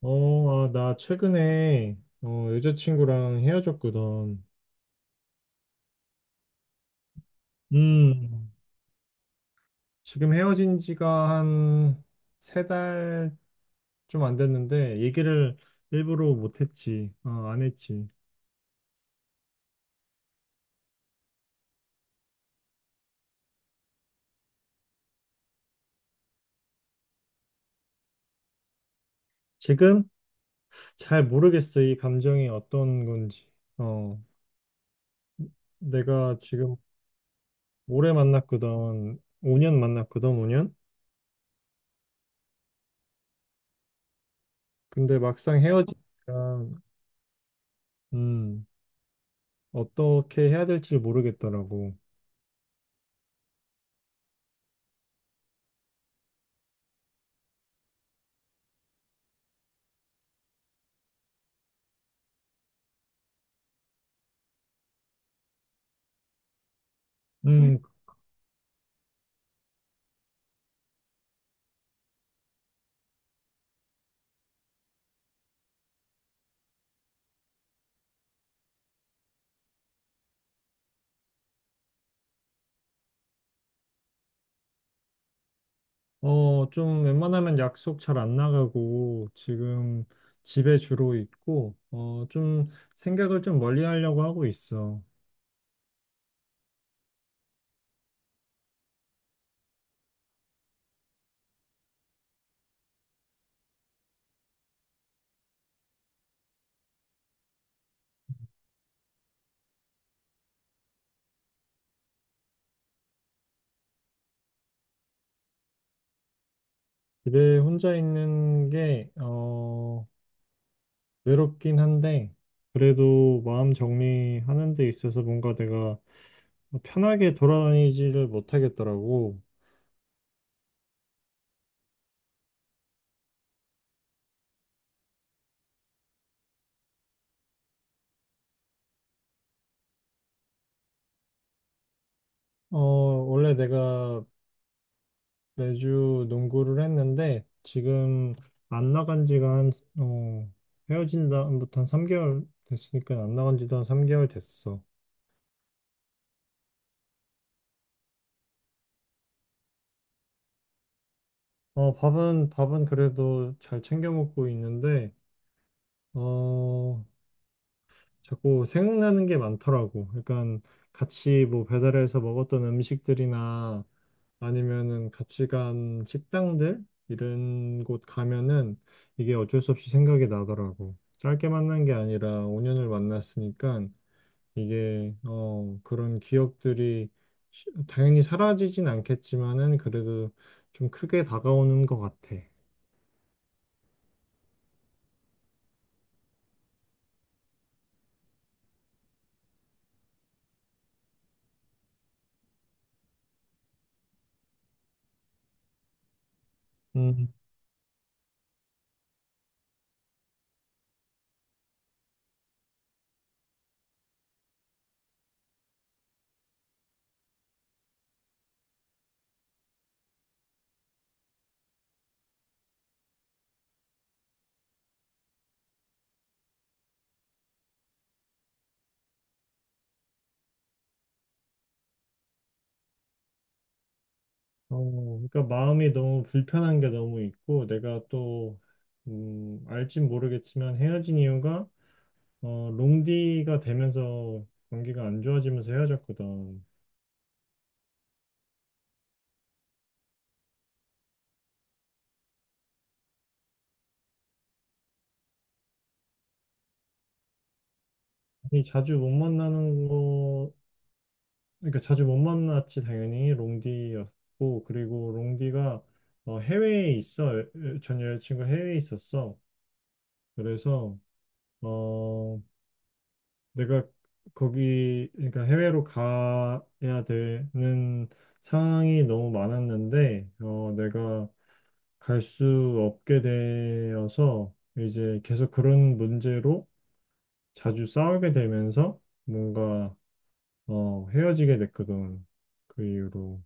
나 최근에 여자친구랑 헤어졌거든. 음, 지금 헤어진 지가 한 세 달 좀 안 됐는데 얘기를 일부러 못 했지. 어, 안 했지. 지금 잘 모르겠어, 이 감정이 어떤 건지. 어, 내가 지금 오래 만났거든. 5년 만났거든, 오 년. 근데 막상 헤어지니까 음, 어떻게 해야 될지 모르겠더라고. 음, 좀 웬만하면 약속 잘 안 나가고 지금 집에 주로 있고, 좀 생각을 좀 멀리 하려고 하고 있어. 집에 혼자 있는 게 외롭긴 한데, 그래도 마음 정리하는 데 있어서 뭔가 내가 편하게 돌아다니지를 못하겠더라고. 원래 내가 매주 농구를 했는데, 지금 안 나간 지가 한, 어, 헤어진 다음부터 한 3개월 됐으니까 안 나간 지도 한 3개월 됐어. 어, 밥은, 밥은 그래도 잘 챙겨 먹고 있는데, 어, 자꾸 생각나는 게 많더라고. 그러니까 같이 뭐 배달해서 먹었던 음식들이나 아니면은 같이 간 식당들, 이런 곳 가면은 이게 어쩔 수 없이 생각이 나더라고. 짧게 만난 게 아니라 5년을 만났으니까, 이게 그런 기억들이 당연히 사라지진 않겠지만은 그래도 좀 크게 다가오는 것 같아. 음, 어, 그러니까 마음이 너무 불편한 게 너무 있고, 내가 또 알진 모르겠지만, 헤어진 이유가 롱디가 되면서 관계가 안 좋아지면서 헤어졌거든. 이 자주 못 만나는 그러니까 자주 못 만났지. 당연히 롱디였고, 그리고 롱디가 해외에 있어. 전 여자친구 해외에 있었어. 그래서 어 내가 거기, 그러니까 해외로 가야 되는 상황이 너무 많았는데, 내가 갈 수 없게 되어서 이제 계속 그런 문제로 자주 싸우게 되면서, 뭔가 헤어지게 됐거든, 그 이후로.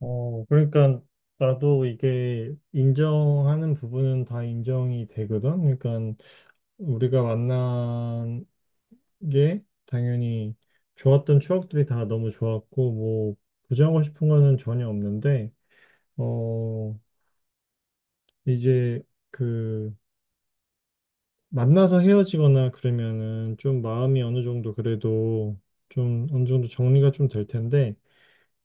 그러니까 나도 이게 인정하는 부분은 다 인정이 되거든. 그러니까 우리가 만난 게 당연히 좋았던 추억들이 다 너무 좋았고, 뭐 부정하고 싶은 거는 전혀 없는데, 어 이제 그 만나서 헤어지거나 그러면은 좀 마음이 어느 정도 그래도 좀 어느 정도 정리가 좀 될 텐데,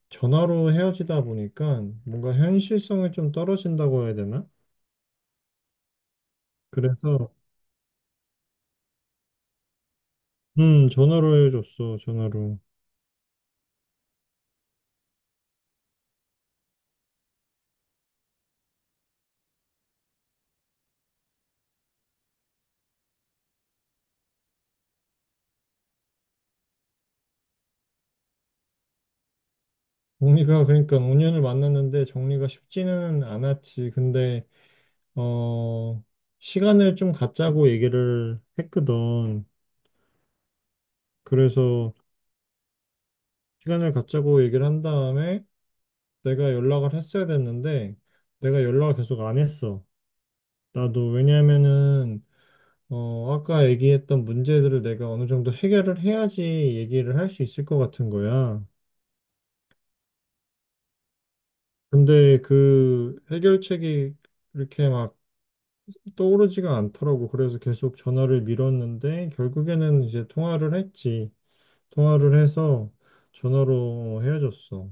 전화로 헤어지다 보니까 뭔가 현실성이 좀 떨어진다고 해야 되나? 그래서 전화로 해줬어, 전화로. 정리가, 그러니까 5년을 만났는데 정리가 쉽지는 않았지. 근데, 어, 시간을 좀 갖자고 얘기를 했거든. 그래서 시간을 갖자고 얘기를 한 다음에 내가 연락을 했어야 됐는데, 내가 연락을 계속 안 했어. 나도. 왜냐면은 아까 얘기했던 문제들을 내가 어느 정도 해결을 해야지 얘기를 할 수 있을 것 같은 거야. 근데 그 해결책이 이렇게 막 떠오르지가 않더라고. 그래서 계속 전화를 미뤘는데 결국에는 이제 통화를 했지. 통화를 해서 전화로 헤어졌어.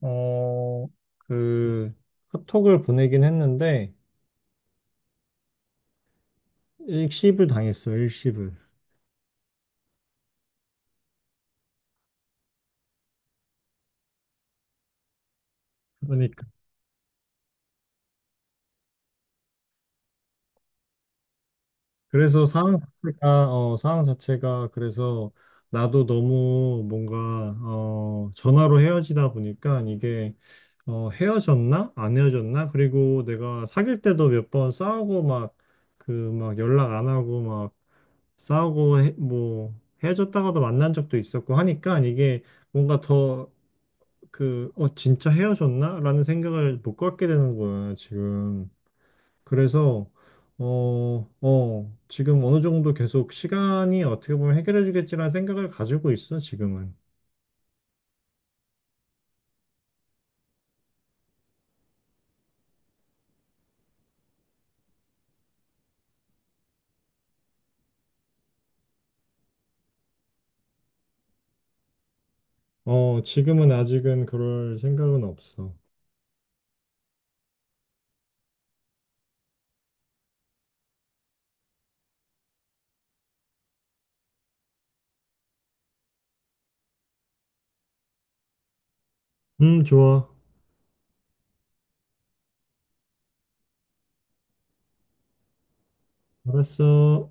어, 그 카톡을 보내긴 했는데 일십을 당했어, 일십을. 그러니까 그래서 상황 자체가, 상황 자체가 그래서 나도 너무 뭔가, 전화로 헤어지다 보니까 이게 어, 헤어졌나? 안 헤어졌나? 그리고 내가 사귈 때도 몇 번 싸우고 막, 막 연락 안 하고 막 싸우고 뭐 헤어졌다가도 만난 적도 있었고 하니까, 이게 뭔가 더 진짜 헤어졌나 라는 생각을 못 갖게 되는 거야, 지금. 그래서, 지금 어느 정도 계속 시간이 어떻게 보면 해결해 주겠지라는 생각을 가지고 있어, 지금은. 어, 지금은 아직은 그럴 생각은 없어. 좋아. 알았어.